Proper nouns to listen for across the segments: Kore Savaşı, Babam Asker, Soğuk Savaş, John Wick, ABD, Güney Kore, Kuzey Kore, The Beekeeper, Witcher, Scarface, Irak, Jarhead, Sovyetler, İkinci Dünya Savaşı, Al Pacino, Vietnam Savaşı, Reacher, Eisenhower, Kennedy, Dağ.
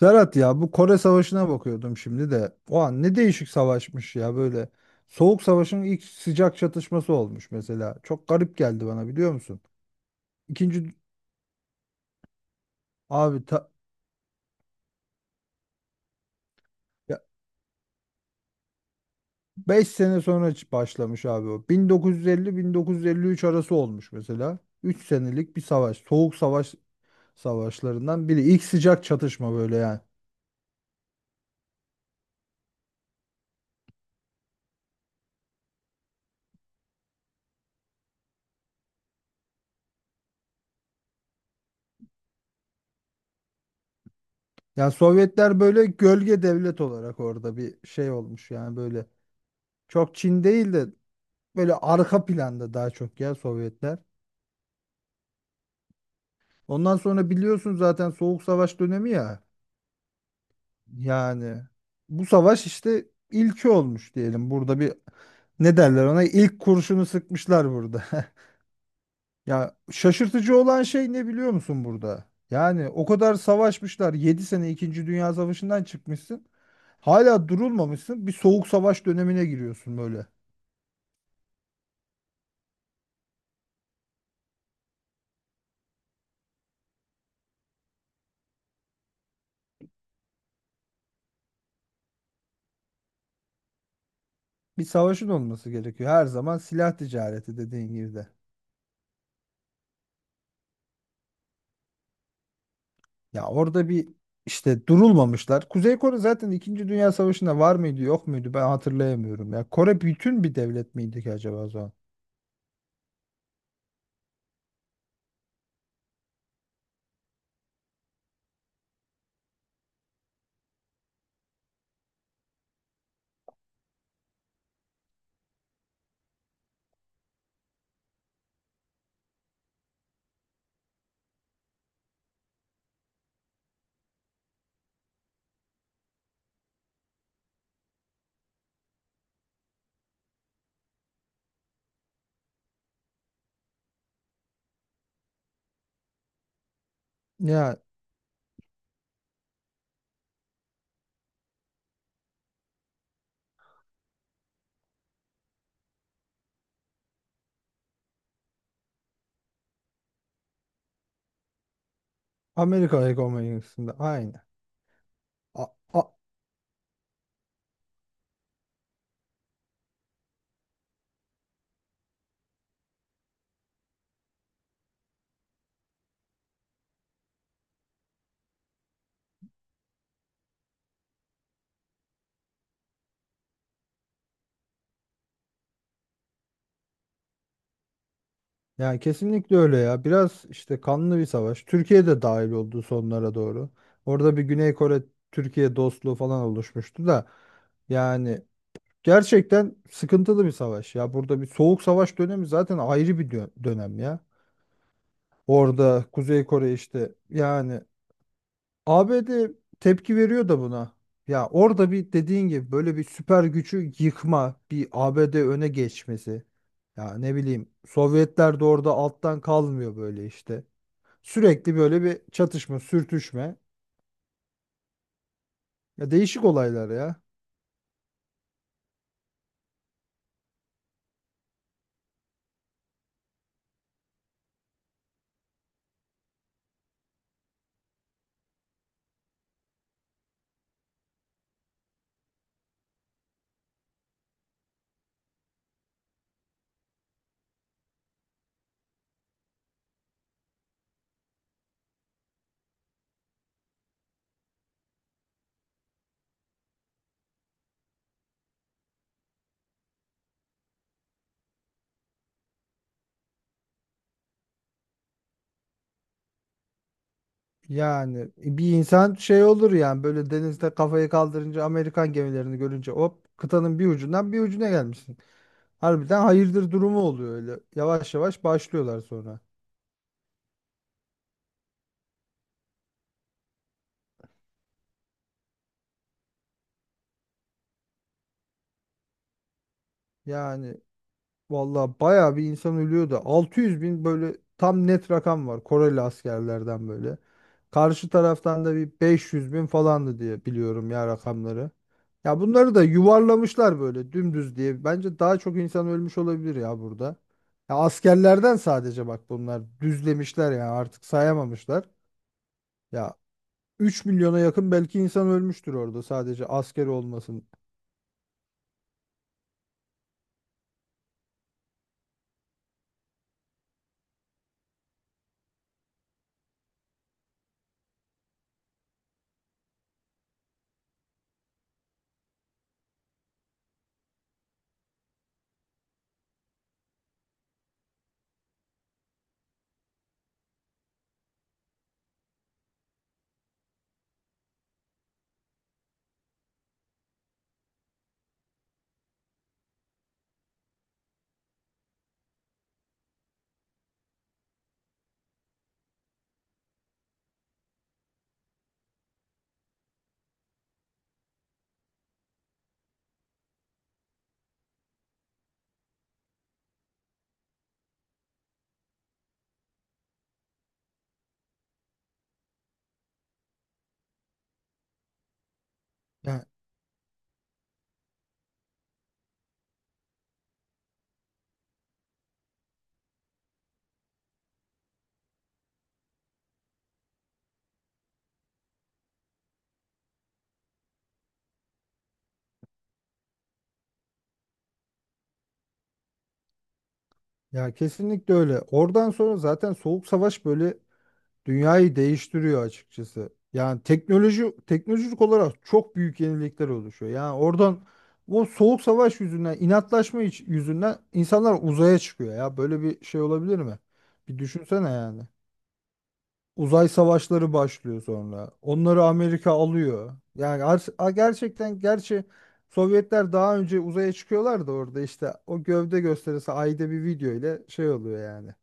Serhat, ya bu Kore Savaşı'na bakıyordum şimdi de. O an ne değişik savaşmış ya böyle. Soğuk Savaş'ın ilk sıcak çatışması olmuş mesela. Çok garip geldi bana, biliyor musun? İkinci abi ta, ya 5 sene sonra başlamış abi o. 1950-1953 arası olmuş mesela. 3 senelik bir savaş. Soğuk Savaş savaşlarından biri. İlk sıcak çatışma böyle yani. Yani Sovyetler böyle gölge devlet olarak orada bir şey olmuş yani böyle. Çok Çin değil de böyle arka planda daha çok ya Sovyetler. Ondan sonra biliyorsun zaten Soğuk Savaş dönemi ya. Yani bu savaş işte ilki olmuş diyelim. Burada bir, ne derler ona, ilk kurşunu sıkmışlar burada. Ya şaşırtıcı olan şey ne biliyor musun burada? Yani o kadar savaşmışlar. 7 sene ikinci Dünya Savaşı'ndan çıkmışsın. Hala durulmamışsın. Bir soğuk savaş dönemine giriyorsun böyle. Bir savaşın olması gerekiyor. Her zaman silah ticareti dediğin gibi de. Ya orada bir işte durulmamışlar. Kuzey Kore zaten İkinci Dünya Savaşı'nda var mıydı yok muydu ben hatırlayamıyorum. Ya Kore bütün bir devlet miydi ki acaba o zaman? Ya Amerika hegemonyasında aynı. A, a- yani kesinlikle öyle ya. Biraz işte kanlı bir savaş. Türkiye de dahil oldu sonlara doğru. Orada bir Güney Kore Türkiye dostluğu falan oluşmuştu da, yani gerçekten sıkıntılı bir savaş ya. Burada bir soğuk savaş dönemi zaten ayrı bir dönem ya. Orada Kuzey Kore işte yani ABD tepki veriyor da buna. Ya orada bir dediğin gibi böyle bir süper gücü yıkma, bir ABD öne geçmesi. Ya ne bileyim, Sovyetler de orada alttan kalmıyor böyle işte. Sürekli böyle bir çatışma, sürtüşme. Ya değişik olaylar ya. Yani bir insan şey olur yani, böyle denizde kafayı kaldırınca Amerikan gemilerini görünce hop, kıtanın bir ucundan bir ucuna gelmişsin. Harbiden hayırdır durumu oluyor öyle. Yavaş yavaş başlıyorlar sonra. Yani valla bayağı bir insan ölüyor da, 600 bin böyle tam net rakam var Koreli askerlerden böyle. Karşı taraftan da bir 500 bin falandı diye biliyorum ya rakamları. Ya bunları da yuvarlamışlar böyle dümdüz diye. Bence daha çok insan ölmüş olabilir ya burada. Ya askerlerden sadece bak, bunlar düzlemişler ya, artık sayamamışlar. Ya 3 milyona yakın belki insan ölmüştür orada sadece asker olmasından. Ya, ya kesinlikle öyle. Oradan sonra zaten Soğuk Savaş böyle dünyayı değiştiriyor açıkçası. Yani teknoloji teknolojik olarak çok büyük yenilikler oluşuyor. Yani oradan o Soğuk Savaş yüzünden, inatlaşma yüzünden insanlar uzaya çıkıyor ya. Böyle bir şey olabilir mi? Bir düşünsene yani. Uzay savaşları başlıyor sonra. Onları Amerika alıyor. Yani gerçekten gerçi Sovyetler daha önce uzaya çıkıyorlar da orada işte o gövde gösterisi ayda bir video ile şey oluyor yani.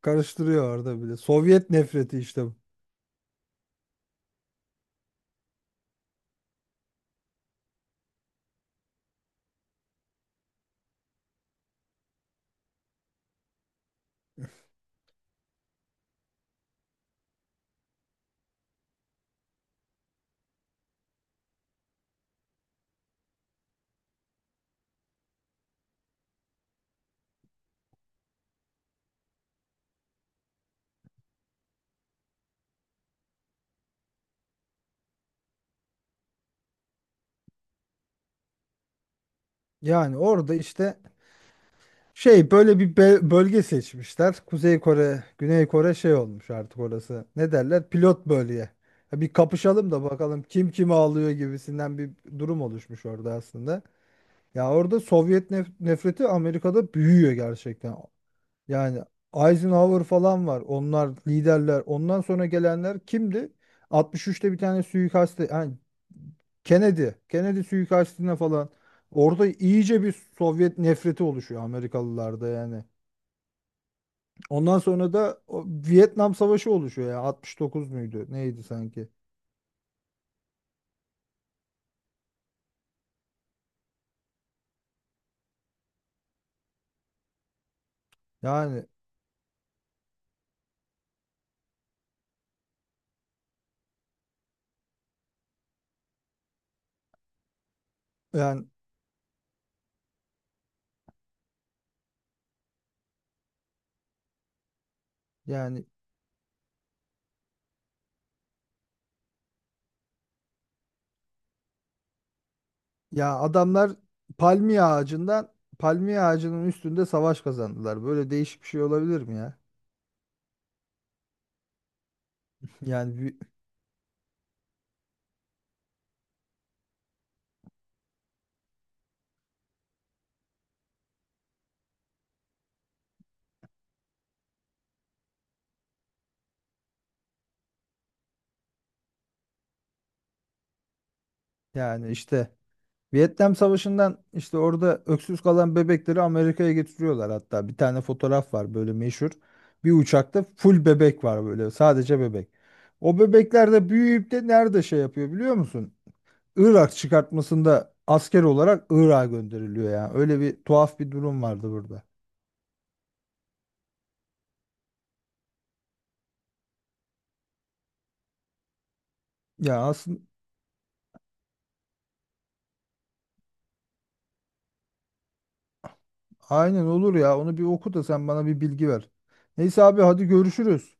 Karıştırıyor orada bile. Sovyet nefreti işte bu. Yani orada işte şey böyle bir bölge seçmişler. Kuzey Kore, Güney Kore şey olmuş artık orası. Ne derler? Pilot bölge. Ya bir kapışalım da bakalım kim kimi alıyor gibisinden bir durum oluşmuş orada aslında. Ya orada Sovyet nefreti Amerika'da büyüyor gerçekten. Yani Eisenhower falan var. Onlar liderler. Ondan sonra gelenler kimdi? 63'te bir tane suikaste, yani Kennedy, Kennedy suikastine falan. Orada iyice bir Sovyet nefreti oluşuyor Amerikalılarda yani. Ondan sonra da o Vietnam Savaşı oluşuyor ya. 69 muydu? Neydi sanki? Yani yani yani ya adamlar palmiye ağacından palmiye ağacının üstünde savaş kazandılar. Böyle değişik bir şey olabilir mi ya? Yani vi- yani işte Vietnam Savaşı'ndan işte orada öksüz kalan bebekleri Amerika'ya getiriyorlar hatta. Bir tane fotoğraf var böyle meşhur. Bir uçakta full bebek var böyle sadece bebek. O bebekler de büyüyüp de nerede şey yapıyor biliyor musun? Irak çıkartmasında asker olarak Irak'a gönderiliyor ya. Öyle bir tuhaf bir durum vardı burada. Ya aslında. Aynen olur ya. Onu bir oku da sen bana bir bilgi ver. Neyse abi hadi görüşürüz.